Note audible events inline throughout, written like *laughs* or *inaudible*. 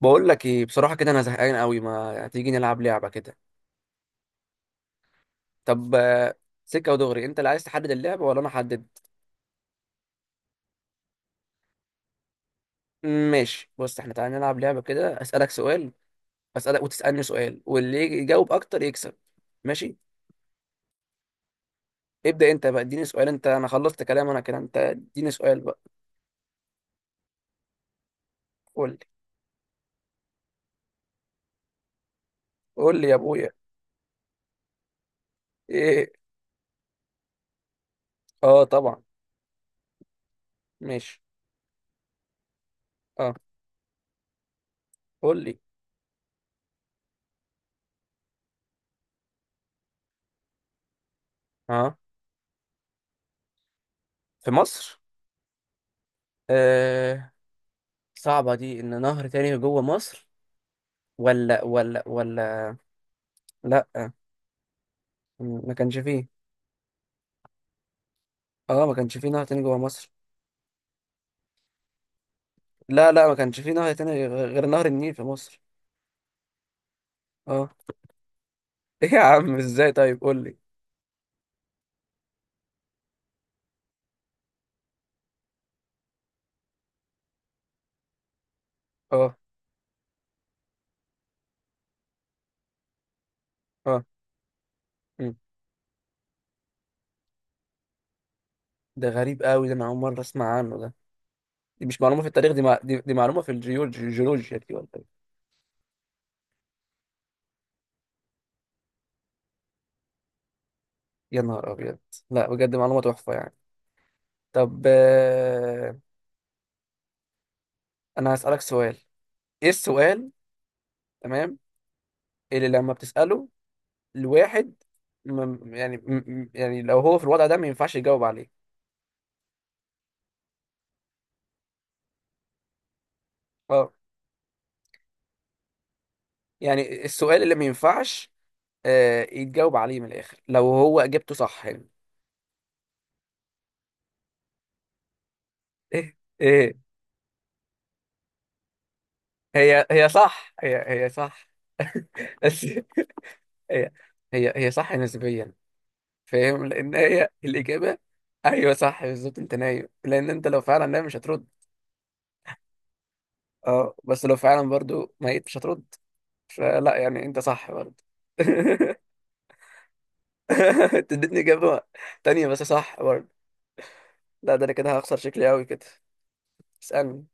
بقول لك ايه بصراحه كده، انا زهقان قوي. ما تيجي نلعب لعبه كده؟ طب سكه ودغري. انت اللي عايز تحدد اللعبه ولا انا احدد؟ ماشي، بص، احنا تعالى نلعب لعبه كده، اسالك سؤال، اسالك وتسالني سؤال، واللي يجي يجاوب اكتر يكسب. ماشي. ابدا انت بقى اديني سؤال، انت انا خلصت كلام انا كده، انت اديني سؤال بقى. قول لي قول لي يا ابويا. ايه؟ اه طبعا. ماشي. اه قول لي. اه، في مصر. آه. صعبه دي، ان نهر تاني جوه مصر. ولا. لا، ما كانش فيه. اه، ما كانش فيه نهر تاني جوه مصر. لا، ما كانش فيه نهر تاني غير نهر النيل في مصر. اه. *laughs* ايه يا عم؟ ازاي؟ طيب قول لي. اه. اه. مم. ده غريب قوي، ده انا اول مره اسمع عنه ده. دي مش معلومه في التاريخ دي، دي معلومه في الجيولوجيا، الجيولوجيا دي ولا ايه؟ يا نهار ابيض! لا بجد معلومه تحفه يعني. طب انا هسالك سؤال. ايه السؤال؟ تمام. اللي لما بتساله لواحد، يعني، يعني لو هو في الوضع ده ما ينفعش يجاوب عليه. اه، يعني السؤال اللي ما ينفعش يتجاوب عليه من الاخر، لو هو اجابته صح يعني. ايه. هي هي صح. *laughs* بس. هي. هي صح نسبيا. فاهم، لان هي الاجابه. ايوه صح بالظبط، انت نايم، لان انت لو فعلا نايم مش هترد. اه، بس لو فعلا برضو ميت مش هترد. فلا، يعني انت صح برضو. *laughs* أنت اديتني اجابه تانية بس صح برضو. لا، ده انا كده هخسر، شكلي قوي كده. اسالني.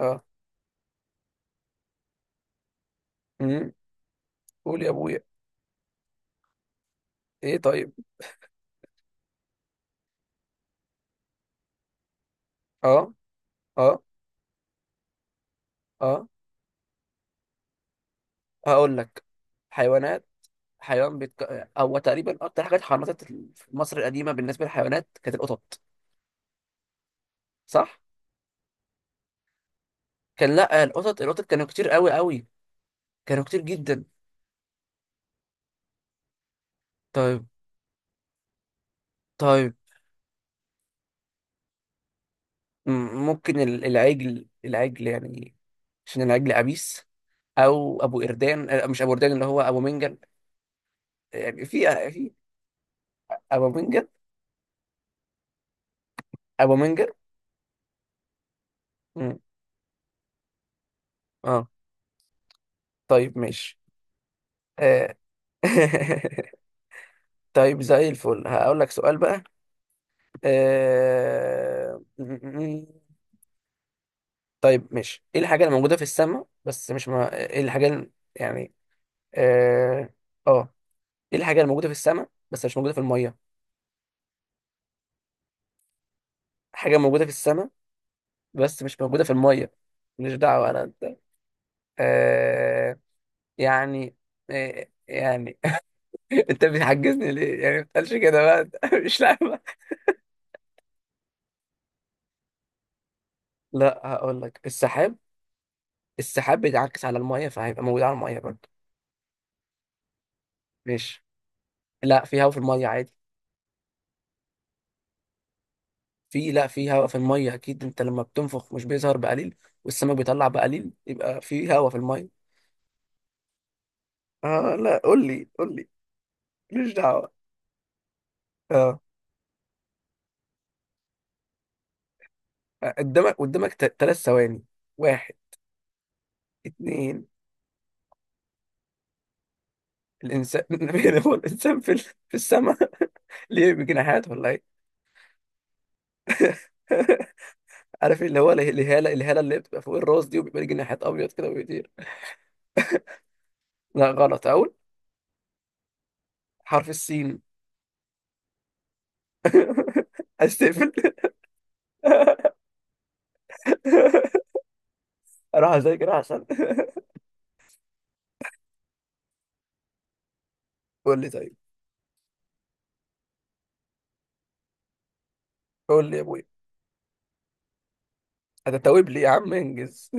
اه قول يا ابويا. ايه طيب. اه. اه. اه، هقول لك. حيوانات. حيوان هو تقريبا اكتر حاجه اتحنطت في مصر القديمه بالنسبه للحيوانات كانت القطط. صح. كان، لا، القطط، كانوا كتير قوي. كانوا كتير جدا. طيب. طيب. م- ممكن العجل، يعني، عشان العجل عبيس. او ابو قردان. مش ابو قردان، اللي هو ابو منجل يعني. في. في ابو منجل. ابو منجل. مم. اه. طيب ماشي. آه. *laughs* طيب زي الفل، هقول لك سؤال بقى. آه... م- م- م. طيب ماشي، ايه الحاجة اللي موجودة في السماء بس مش ما... يعني، اه، آه. ايه الحاجة اللي موجودة في السماء بس مش موجودة في المية؟ حاجة موجودة في السماء بس مش موجودة في المية. مش دعوة انا انت. آه... يعني، يعني، *laughs* انت بتحجزني ليه يعني؟ ما تقلش كده بقى. *laughs* مش لعبة. لا، هقول لك، السحاب، السحاب بيتعكس على المية فهيبقى موجود على المية برضه. ماشي. لا، في هوا في الميه عادي. في. لا، في هوا في الميه اكيد. انت لما بتنفخ مش بيظهر بقليل؟ والسمك بيطلع بقليل، يبقى في هوا في الميه. اه، لا قول لي، قول لي. ماليش دعوه. اه. قدامك، قدامك. ثلاث ثواني. واحد. اتنين. الانسان. *laughs* النبي. هو الانسان في في السماء؟ *laughs* ليه؟ بجناحات ولا ايه؟ *laughs* عارف اللي هو الهاله، الهاله اللي بتبقى فوق الراس دي، وبيبقى ليه جناحات ابيض كده وبيطير. لا غلط، اقول، حرف السين. *laughs* استقفل. *laughs* اروح اذاكر احسن. *laughs* قول لي طيب. قول لي يا ابويا. هتتوب لي يا عم؟ انجز.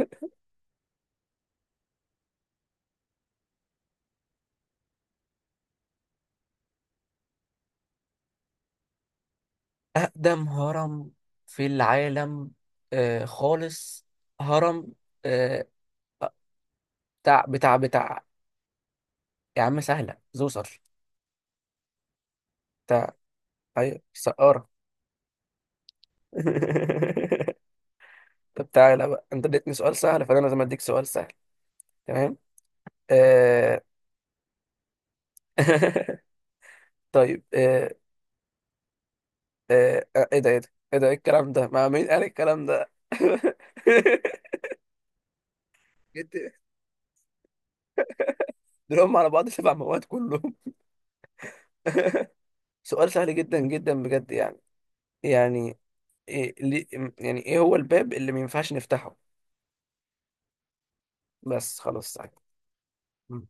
*laughs* أقدم هرم في العالم. آه خالص. هرم. آه. بتاع، يا عم سهلة، زوسر. بتاع. ايوه، سقارة. *laughs* طب تعالى بقى، انت اديتني سؤال سهل، فانا لازم اديك سؤال سهل. تمام. آه... *laughs* طيب ايه ده، ايه الكلام ده؟ مع مين قال الكلام ده؟ *laughs* جيت- دول هم على بعض سبع مواد كلهم. *laughs* سؤال سهل جدا جدا بجد يعني. يعني، إيه؟ ليه؟ يعني ايه هو الباب اللي ما ينفعش نفتحه؟ بس خلاص سهل. مم.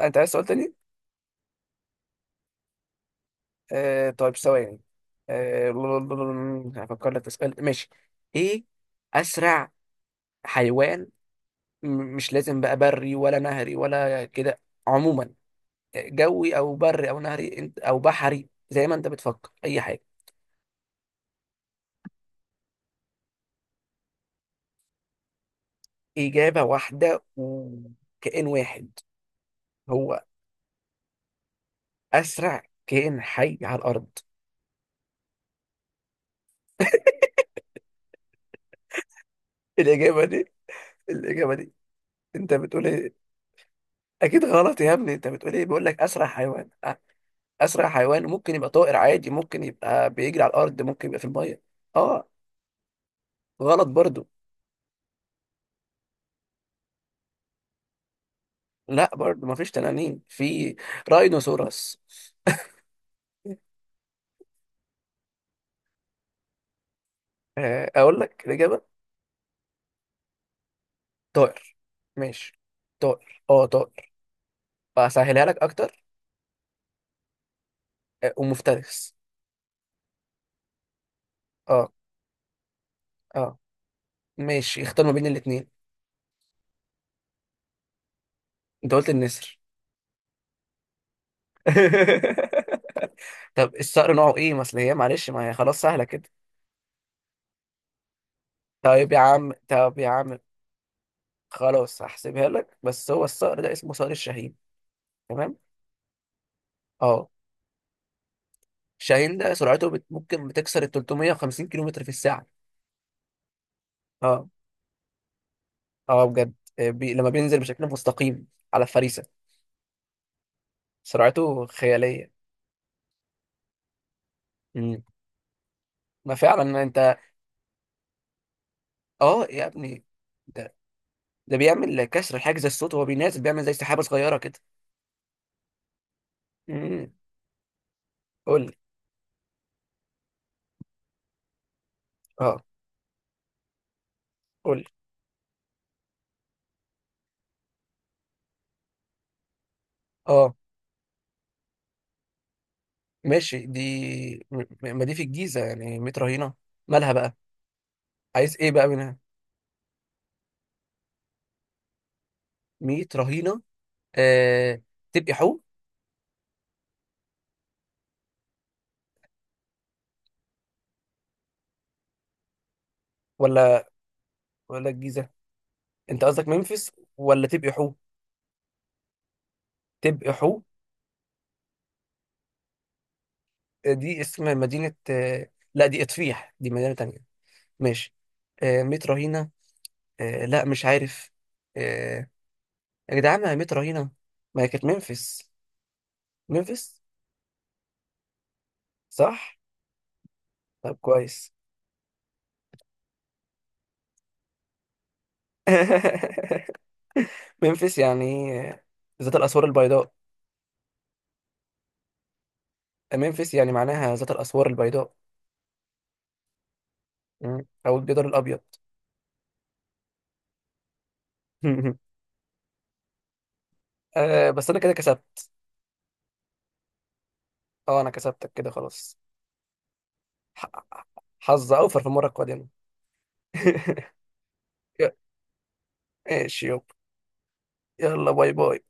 انت عايز سؤال تاني؟ آه طيب، ثواني. آه، *laughs* هفكر لك في سؤال، ماشي. ايه؟ اسرع حيوان، م- مش لازم بقى بري ولا نهري ولا كده، عموما. جوي او بري او نهري، انت او بحري، زي ما انت بتفكر، اي حاجه. اجابه واحده وكائن واحد. هو اسرع كائن حي على الارض. الإجابة دي، الإجابة دي أنت بتقول إيه؟ أكيد غلط يا ابني، أنت بتقول إيه؟ بيقول لك أسرع حيوان، أسرع حيوان ممكن يبقى طائر عادي، ممكن يبقى بيجري على الأرض، ممكن يبقى في المية. أه. غلط برضو. لا، برضو مفيش تنانين في راينوسوراس. أقول لك الإجابة. طائر. ماشي. طائر أه طائر. أسهلها لك أكتر. ومفترس. أه. أه. ماشي اختار ما بين الاتنين. أنت قلت النسر. *laughs* طب الصقر نوعه إيه؟ ما أصل هي، معلش، ما هي خلاص سهلة كده. طيب يا عم، طب يا عم، خلاص هحسبها لك. بس هو الصقر ده اسمه صقر الشاهين. تمام. اه. الشاهين ده سرعته ممكن بتكسر ال 350 كيلومتر في الساعة. اه. اه بجد. لما بينزل بشكل مستقيم على الفريسة. سرعته خيالية. مم. ما فعلا انت. اه يا ابني، ده ده بيعمل كسر حاجز الصوت، وهو بينازل بيعمل زي سحابة صغيرة كده. امم قول لي. اه، قول لي. اه ماشي. دي ما دي في الجيزة، يعني متر هنا. مالها بقى؟ عايز ايه بقى منها؟ 100 رهينه. آه... تبقي حو. ولا، الجيزه، انت قصدك ممفيس؟ ولا تبقي حو؟ تبقي حو. دي اسم مدينه. لا، دي اطفيح، دي مدينه تانية. ماشي. 100 رهينه. لا، مش عارف. آه... يا جدعان، ما هي 100 رهينه، ما هي كانت ممفيس. ممفيس صح. طب كويس. *laughs* ممفيس يعني ذات الاسوار البيضاء. ممفيس يعني معناها ذات الاسوار البيضاء. مم. او الجدار الابيض. *laughs* أه بس انا كده كسبت. اه، انا كسبتك كده، خلاص. ح- حظ اوفر في المره القادمه. *laughs* ماشي يابا. يلا، باي باي.